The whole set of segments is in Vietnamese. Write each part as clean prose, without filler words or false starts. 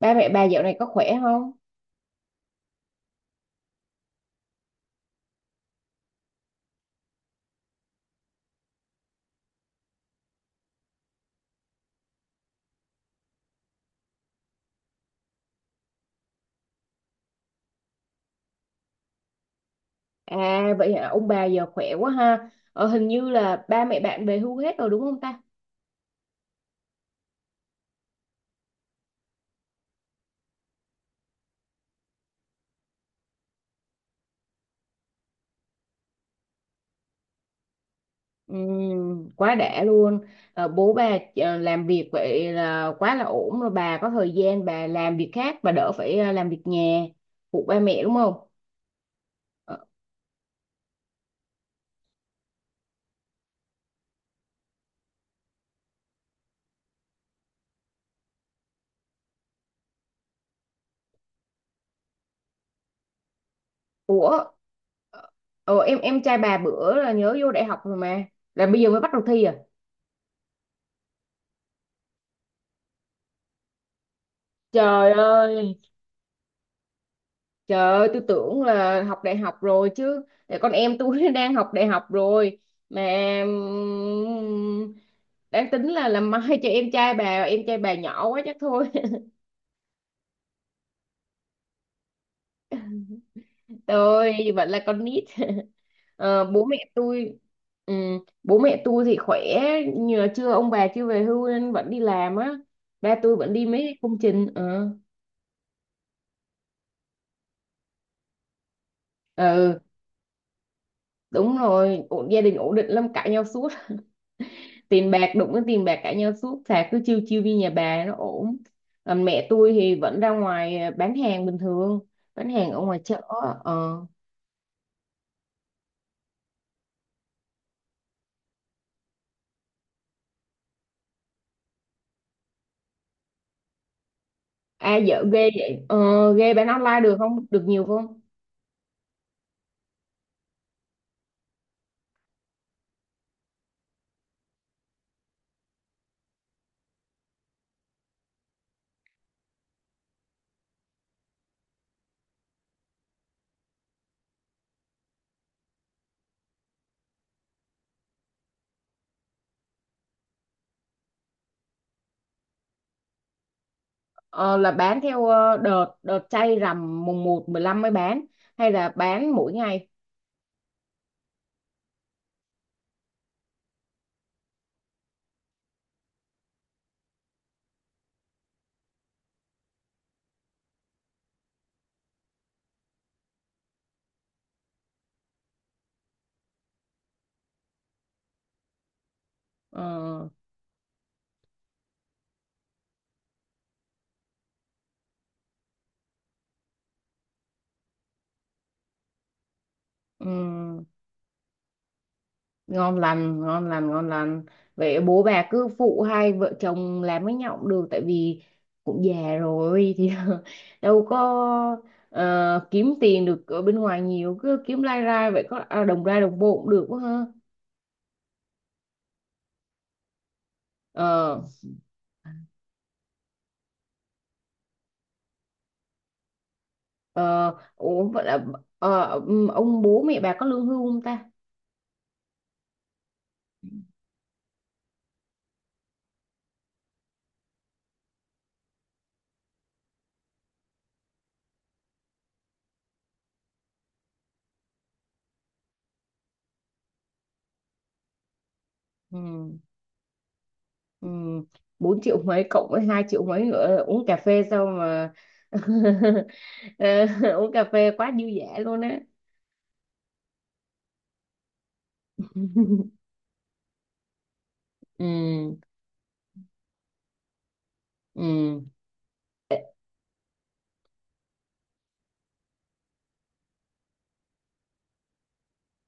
Ba mẹ bà dạo này có khỏe không? À vậy hả, ông bà giờ khỏe quá ha. Ờ, Hình như là ba mẹ bạn về hưu hết rồi đúng không ta? Quá đã luôn. Ờ, bố bà làm việc vậy là quá là ổn rồi, bà có thời gian bà làm việc khác, bà đỡ phải làm việc nhà phụ ba mẹ đúng không? Ờ, ủa, ờ, em trai bà bữa là nhớ vô đại học rồi mà, là bây giờ mới bắt đầu thi à? Trời ơi. Trời ơi, tôi tưởng là học đại học rồi chứ. Tại con em tôi đang học đại học rồi mà. Ừm, đang tính là làm mai cho em trai bà nhỏ quá chắc thôi. Tôi vẫn là con nít. Ờ, bố mẹ tôi, bố mẹ tôi thì khỏe nhưng mà chưa, ông bà chưa về hưu nên vẫn đi làm á. Ba tôi vẫn đi mấy công trình Ừ, đúng rồi, ổn, gia đình ổn định lắm, cãi nhau suốt. Tiền bạc đụng cái tiền bạc cãi nhau suốt, thà cứ chiêu chiêu đi nhà bà nó ổn. Còn mẹ tôi thì vẫn ra ngoài à, bán hàng bình thường, bán hàng ở ngoài chợ. ờ À, dở ghê vậy, ghê, bán online được không, được nhiều không? Ờ, là bán theo đợt đợt chay rằm mùng một, 15 mới bán hay là bán mỗi ngày? ờ ừ, ngon lành, ngon lành, ngon lành. Vậy bố bà cứ phụ hai vợ chồng làm với nhau cũng được, tại vì cũng già rồi thì đâu có kiếm tiền được ở bên ngoài nhiều, cứ kiếm lai rai vậy có à, đồng ra đồng bộ cũng được quá ha. ờ ờ Ủa vậy là, ông bố mẹ bà có lương hưu không ta? Ừ. Ừ, bốn triệu mấy cộng với hai triệu mấy nữa uống cà phê sao mà Ờ, uống cà phê quá dư dả luôn á. Ừ. Ừ.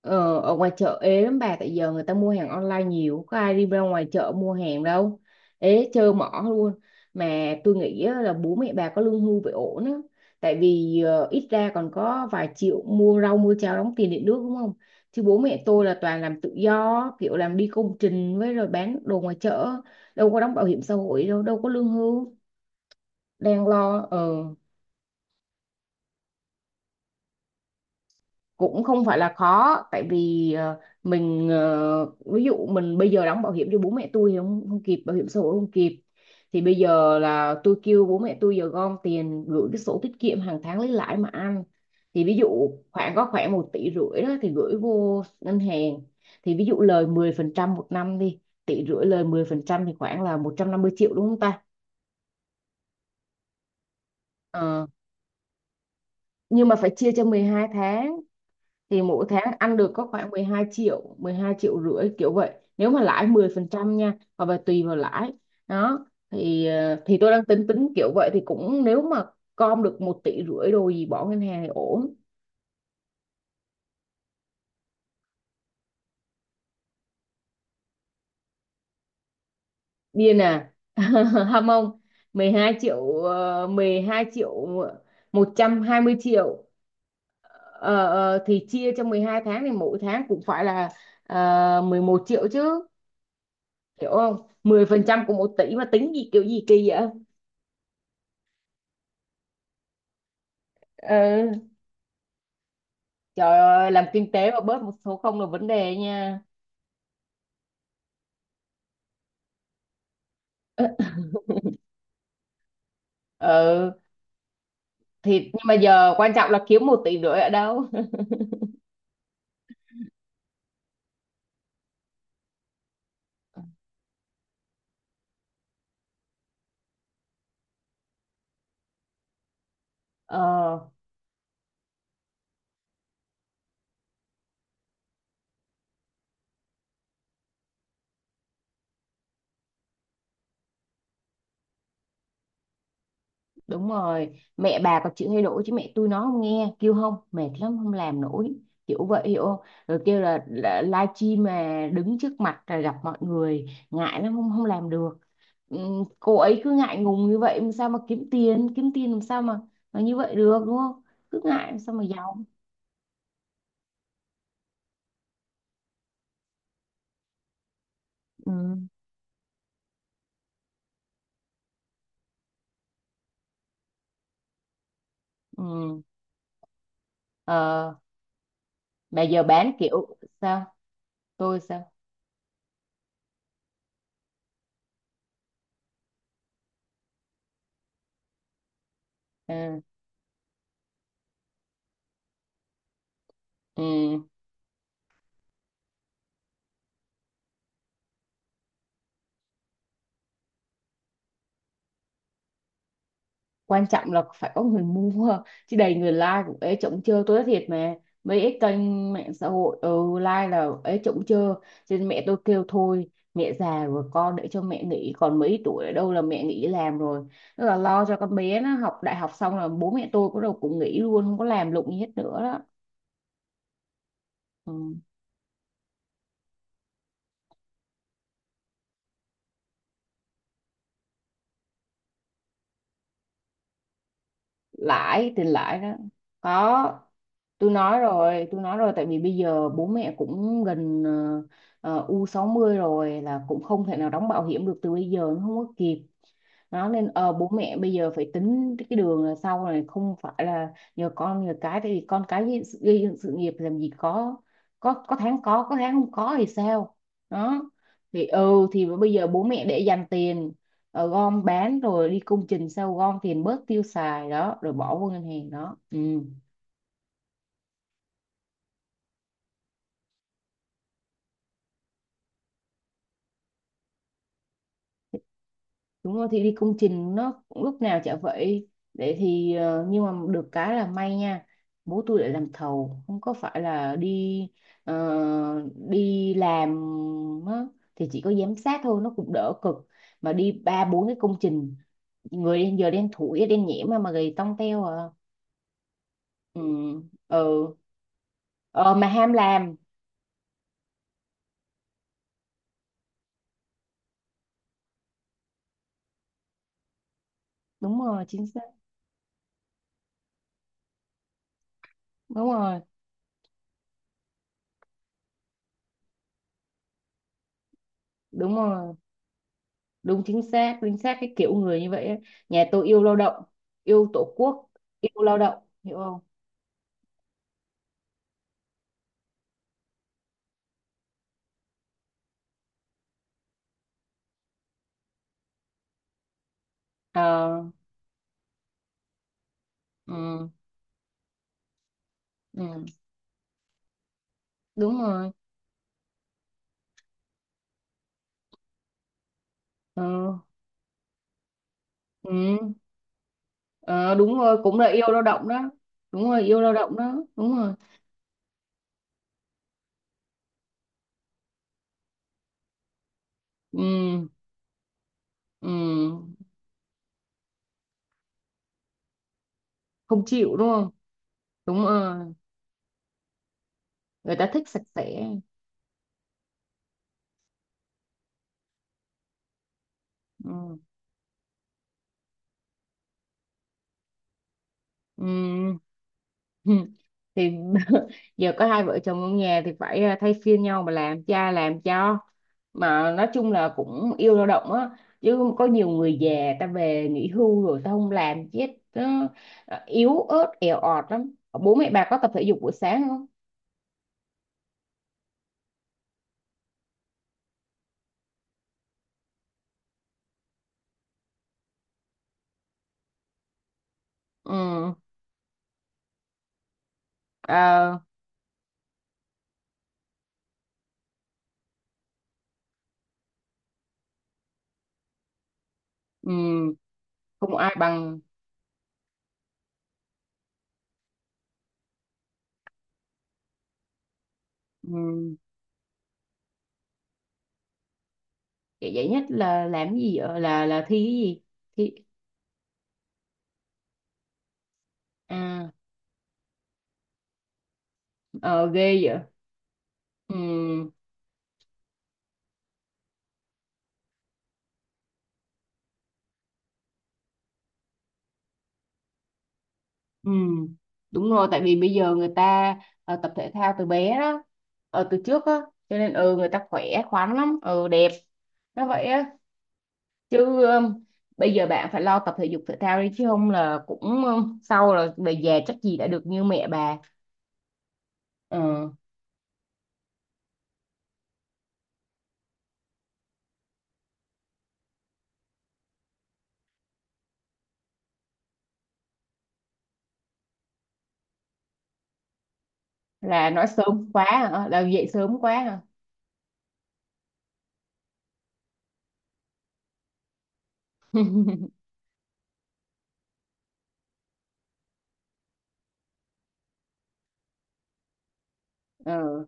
Ờ, ở ngoài chợ ế lắm bà, tại giờ người ta mua hàng online nhiều, có ai đi ra ngoài chợ mua hàng đâu, ế trơ mỏ luôn. Mà tôi nghĩ á, là bố mẹ bà có lương hưu phải ổn á, tại vì ít ra còn có vài triệu mua rau mua cháo đóng tiền điện nước đúng không? Chứ bố mẹ tôi là toàn làm tự do, kiểu làm đi công trình với rồi bán đồ ngoài chợ, đâu có đóng bảo hiểm xã hội đâu, đâu có lương hưu. Đang lo cũng không phải là khó, tại vì mình, ví dụ mình bây giờ đóng bảo hiểm cho bố mẹ tôi thì không, không kịp, bảo hiểm xã hội không kịp. Thì bây giờ là tôi kêu bố mẹ tôi giờ gom tiền, gửi cái sổ tiết kiệm hàng tháng lấy lãi mà ăn. Thì ví dụ khoảng có khoảng một tỷ rưỡi đó thì gửi vô ngân hàng, thì ví dụ lời 10% một năm đi, tỷ rưỡi lời 10% thì khoảng là 150 triệu đúng không ta? Ờ, nhưng mà phải chia cho 12 tháng, thì mỗi tháng ăn được có khoảng 12 triệu, 12 triệu rưỡi kiểu vậy, nếu mà lãi mười phần trăm nha, hoặc là tùy vào lãi. Đó, thì thì tôi đang tính tính kiểu vậy, thì cũng nếu mà com được một tỷ rưỡi đồ gì bỏ ngân hàng thì ổn. Điên à? Ham không, 12 triệu, 12 triệu, 120 triệu. Ờ, thì chia cho 12 tháng thì mỗi tháng cũng phải là 11 triệu chứ, hiểu không? 10% của một tỷ mà tính gì kiểu gì kỳ vậy. Ờ. Trời ơi, làm kinh tế mà bớt một số không là vấn đề nha. Ờ. Ừ, thì nhưng mà giờ quan trọng là kiếm một tỷ rưỡi ở đâu. Ờ, đúng rồi. Mẹ bà có chịu thay đổi chứ mẹ tôi nó không nghe, kêu không, mệt lắm không làm nổi. Kiểu vậy hiểu không? Rồi kêu là live stream mà đứng trước mặt là gặp mọi người, ngại lắm, không không làm được. Ừ, cô ấy cứ ngại ngùng như vậy làm sao mà kiếm tiền làm sao mà như vậy được đúng không? Cứ ngại làm sao mà giàu. Ừ. Ừ. Ờ, mà giờ bán kiểu sao, tôi sao. Ừ. Ừ. Quan trọng là phải có người mua, chứ đầy người like cũng ế chổng chơ, tôi nói thiệt mà. Mấy cái kênh mạng xã hội, ừ, like là ế chổng chơ. Cho nên mẹ tôi kêu thôi, mẹ già rồi, con để cho mẹ nghỉ, còn mấy tuổi ở đâu là mẹ nghỉ làm rồi. Tức là lo cho con bé nó học đại học xong là bố mẹ tôi có đầu cũng nghỉ luôn, không có làm lụng gì hết nữa đó. Ừ. Lãi, tiền lãi đó. Có, tôi nói rồi, tôi nói rồi, tại vì bây giờ bố mẹ cũng gần U60 rồi, là cũng không thể nào đóng bảo hiểm được từ bây giờ, nó không có kịp. Nó nên bố mẹ bây giờ phải tính cái đường là sau này không phải là nhờ con nhờ cái, tại vì con cái gây gây dựng sự nghiệp làm gì có, có tháng có tháng không có thì sao. Đó. Thì ừ, thì bây giờ bố mẹ để dành tiền, gom bán rồi đi công trình, sau gom tiền bớt tiêu xài đó rồi bỏ vô ngân hàng đó, ừ. Đúng rồi, thì đi công trình nó cũng lúc nào chả vậy để thì nhưng mà được cái là may nha, bố tôi lại làm thầu không có phải là đi ờ, đi làm á, thì chỉ có giám sát thôi, nó cũng đỡ cực, mà đi ba bốn cái công trình người đen, giờ đen thủi đen nhẽm mà gầy tông teo à. Ừ. Ừ. Ờ, mà ham làm. Đúng rồi, chính xác. Đúng rồi. Đúng rồi, đúng chính xác, chính xác, cái kiểu người như vậy ấy. Nhà tôi yêu lao động, yêu tổ quốc, yêu lao động hiểu không. Ờ. Ừ. Ừ, đúng rồi. Ờ. Ừ. Ờ, đúng rồi, cũng là yêu lao động đó. Đúng rồi, yêu lao động đó, đúng rồi. Ừ. Ừ. Không chịu đúng không. Đúng rồi, người ta thích sạch sẽ. Ừ. Ừm. Thì giờ có hai vợ chồng trong nhà thì phải à, thay phiên nhau mà làm cha làm cho, mà nói chung là cũng yêu lao động á, chứ có nhiều người già ta về nghỉ hưu rồi ta không làm chết nó yếu ớt èo ọt lắm. Bố mẹ bà có tập thể dục buổi sáng không? Ừ. À. Ừ, không ai bằng. Ừ, vậy vậy nhất là làm cái gì vậy, là thi cái gì thi? À, ờ ghê vậy. Ừ. Ừ, đúng rồi, tại vì bây giờ người ta tập thể thao từ bé đó, từ trước á, cho nên ừ người ta khỏe khoắn lắm, ừ đẹp, nó vậy á. Chứ bây giờ bạn phải lo tập thể dục thể thao đi, chứ không là cũng sau là về già chắc gì đã được như mẹ bà. Ờ, là nói sớm quá hả? Ờ, là dậy sớm quá hả? Ừ.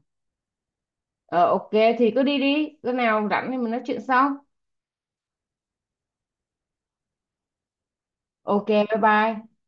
Ờ, ok, thì cứ đi đi, lúc nào rảnh thì mình nói chuyện sau. Ok, bye bye.